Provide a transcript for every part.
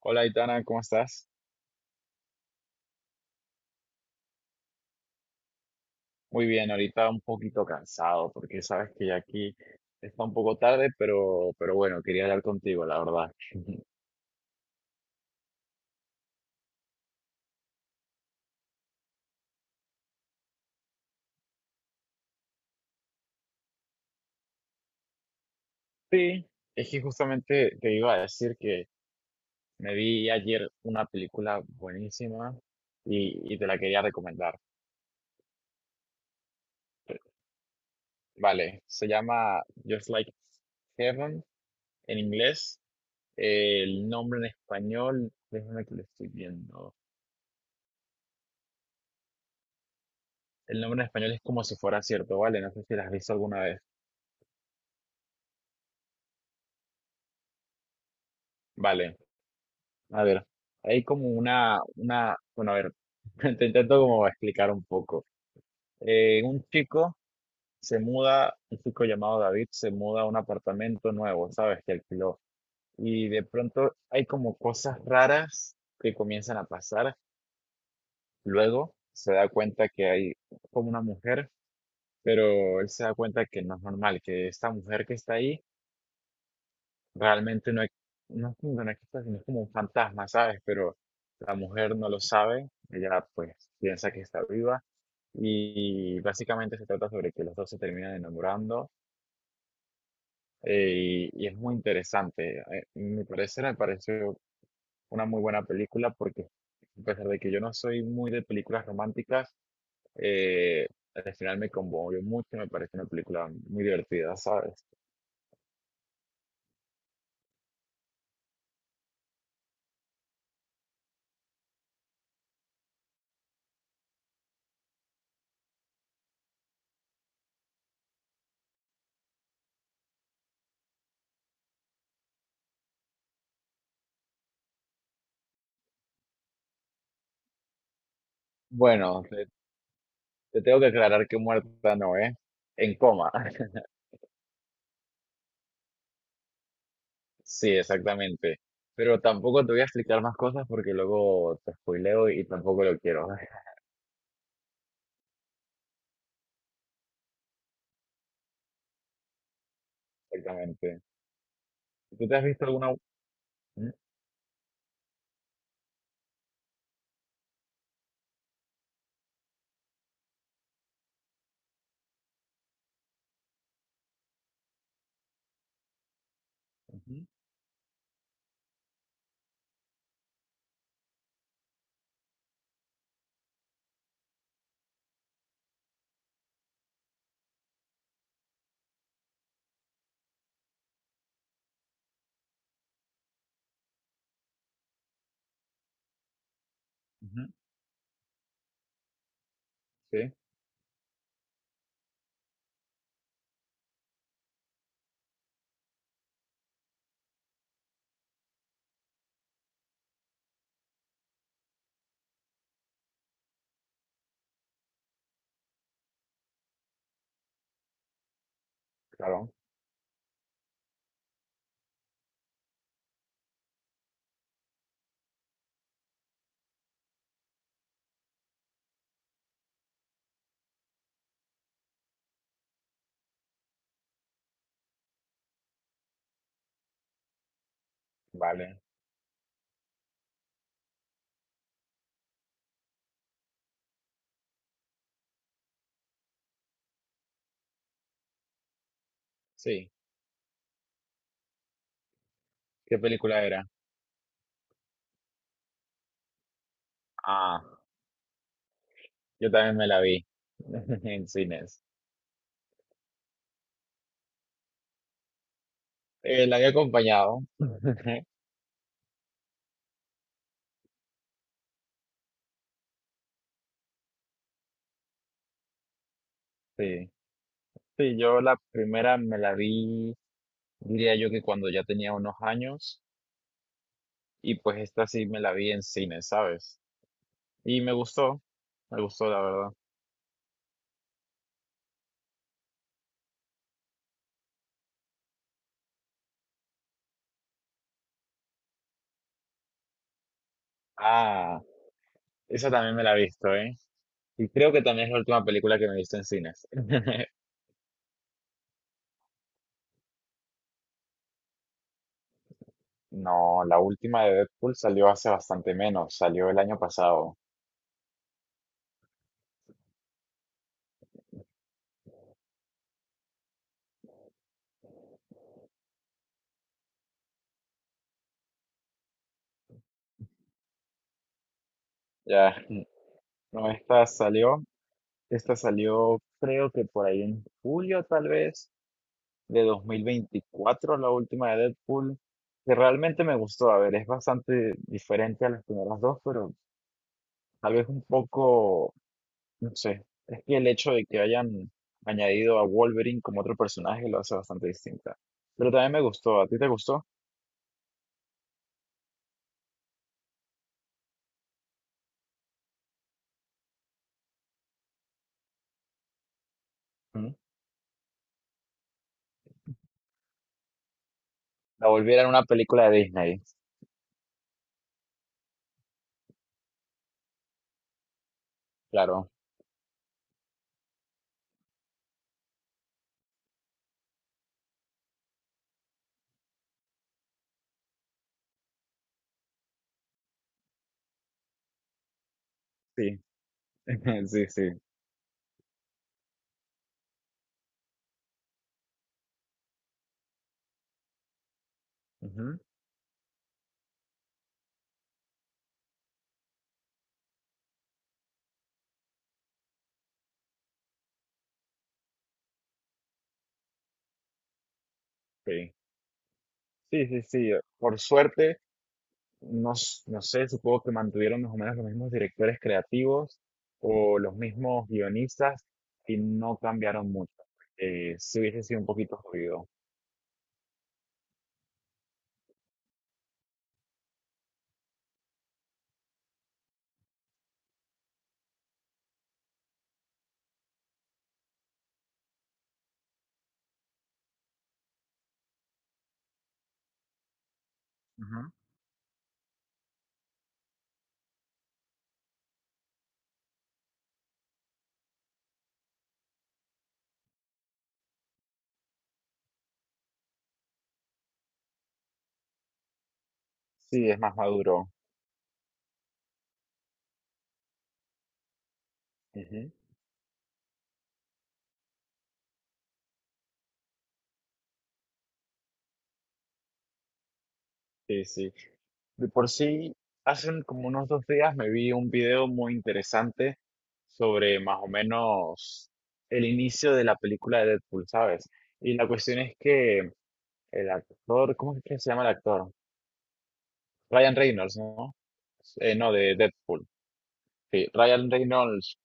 Hola, Itana, ¿cómo estás? Muy bien, ahorita un poquito cansado porque sabes que ya aquí está un poco tarde, pero bueno, quería hablar contigo, la verdad. Sí, es que justamente te iba a decir que me vi ayer una película buenísima y te la quería recomendar. Vale, se llama Just Like Heaven en inglés. El nombre en español, déjame que lo estoy viendo. El nombre en español es como si fuera cierto, ¿vale? No sé si la has visto alguna vez. Vale. A ver, hay como bueno, a ver, te intento como explicar un poco. Un chico se muda, un chico llamado David se muda a un apartamento nuevo, ¿sabes? Que alquiló. Y de pronto hay como cosas raras que comienzan a pasar. Luego se da cuenta que hay como una mujer, pero él se da cuenta que no es normal, que esta mujer que está ahí realmente no, no, es que no existe, sino es como un fantasma, ¿sabes? Pero la mujer no lo sabe, ella pues piensa que está viva y básicamente se trata sobre que los dos se terminan enamorando y es muy interesante. Me pareció una muy buena película porque a pesar de que yo no soy muy de películas románticas, eh, al final me conmovió mucho, me pareció una película muy divertida, ¿sabes? Bueno, te tengo que aclarar que muerta no, ¿eh? En coma. Sí, exactamente. Pero tampoco te voy a explicar más cosas porque luego te spoileo y tampoco lo quiero. Exactamente. ¿Tú te has visto alguna? Mm, ujú, ujú, Sí, claro. Vale. Sí. ¿Qué película era? Ah, yo también me la vi en cines. La había acompañado. Sí. Sí, yo la primera me la vi, diría yo que cuando ya tenía unos años. Y pues esta sí me la vi en cine, ¿sabes? Y me gustó la verdad. Ah, esa también me la he visto, ¿eh? Y creo que también es la última película que me he visto en cines. No, la última de Deadpool salió hace bastante menos, salió el año pasado. Ya, no, esta salió creo que por ahí en julio tal vez de 2024 la última de Deadpool, que realmente me gustó. A ver, es bastante diferente a las primeras dos, pero tal vez un poco no sé, es que el hecho de que hayan añadido a Wolverine como otro personaje lo hace bastante distinta. Pero también me gustó, ¿a ti te gustó? Ujú. La volvieran una película de Disney, claro. Sí, sí, sí. Ujú, sí, sí, sí, sí. Por suerte, no, no sé, supongo que mantuvieron más o menos los mismos directores creativos o los mismos guionistas y no cambiaron mucho. Sí hubiese sido un poquito jodido. Ujú. Sí, es más maduro. Ujú, Sí, sí. De por sí, como unos dos días me vi un video muy interesante sobre más o menos el inicio de la película de Deadpool, ¿sabes? Y la cuestión es que el actor, ¿cómo es que se llama el actor? Ryan Reynolds, ¿no? No, de Deadpool. Sí, Ryan Reynolds,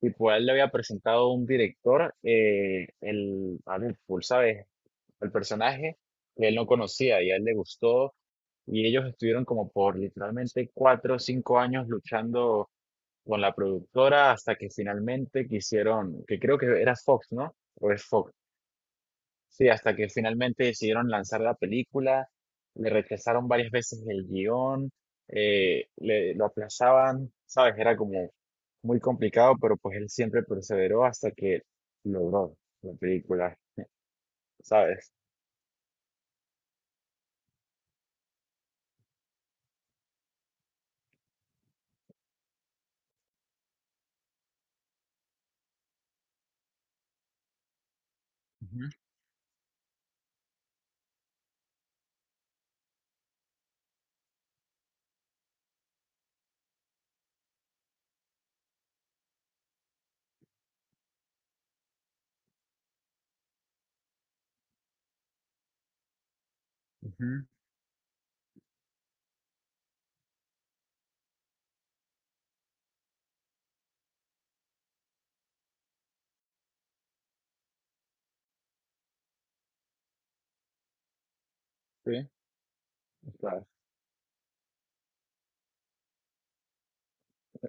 tipo, a él le había presentado un director a Deadpool, ¿sabes? Al personaje que él no conocía y a él le gustó. Y ellos estuvieron como por literalmente 4 o 5 años luchando con la productora hasta que finalmente quisieron, que creo que era Fox, ¿no? O es Fox. Sí, hasta que finalmente decidieron lanzar la película, le rechazaron varias veces el guión, lo aplazaban, ¿sabes? Era como muy complicado, pero pues él siempre perseveró hasta que logró la película, ¿sabes? Ujú, ujú, sí. Claro.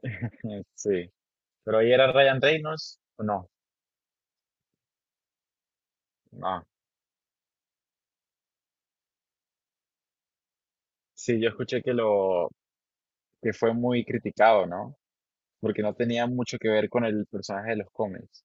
Sí, pero ahí era Ryan Reynolds, ¿o no, no, sí, yo escuché que lo que fue muy criticado, ¿no? Porque no tenía mucho que ver con el personaje de los cómics,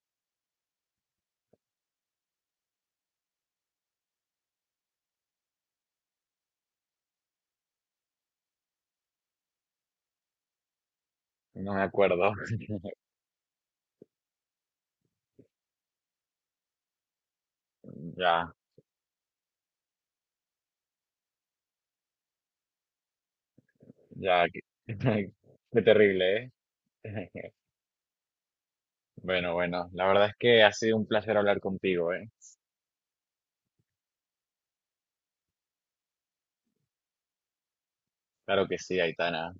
no me acuerdo. Ya, ya, qué, qué terrible, ¿eh? Bueno, bueno, la verdad es que ha sido un placer hablar contigo, ¿eh? Claro que sí, Aitana.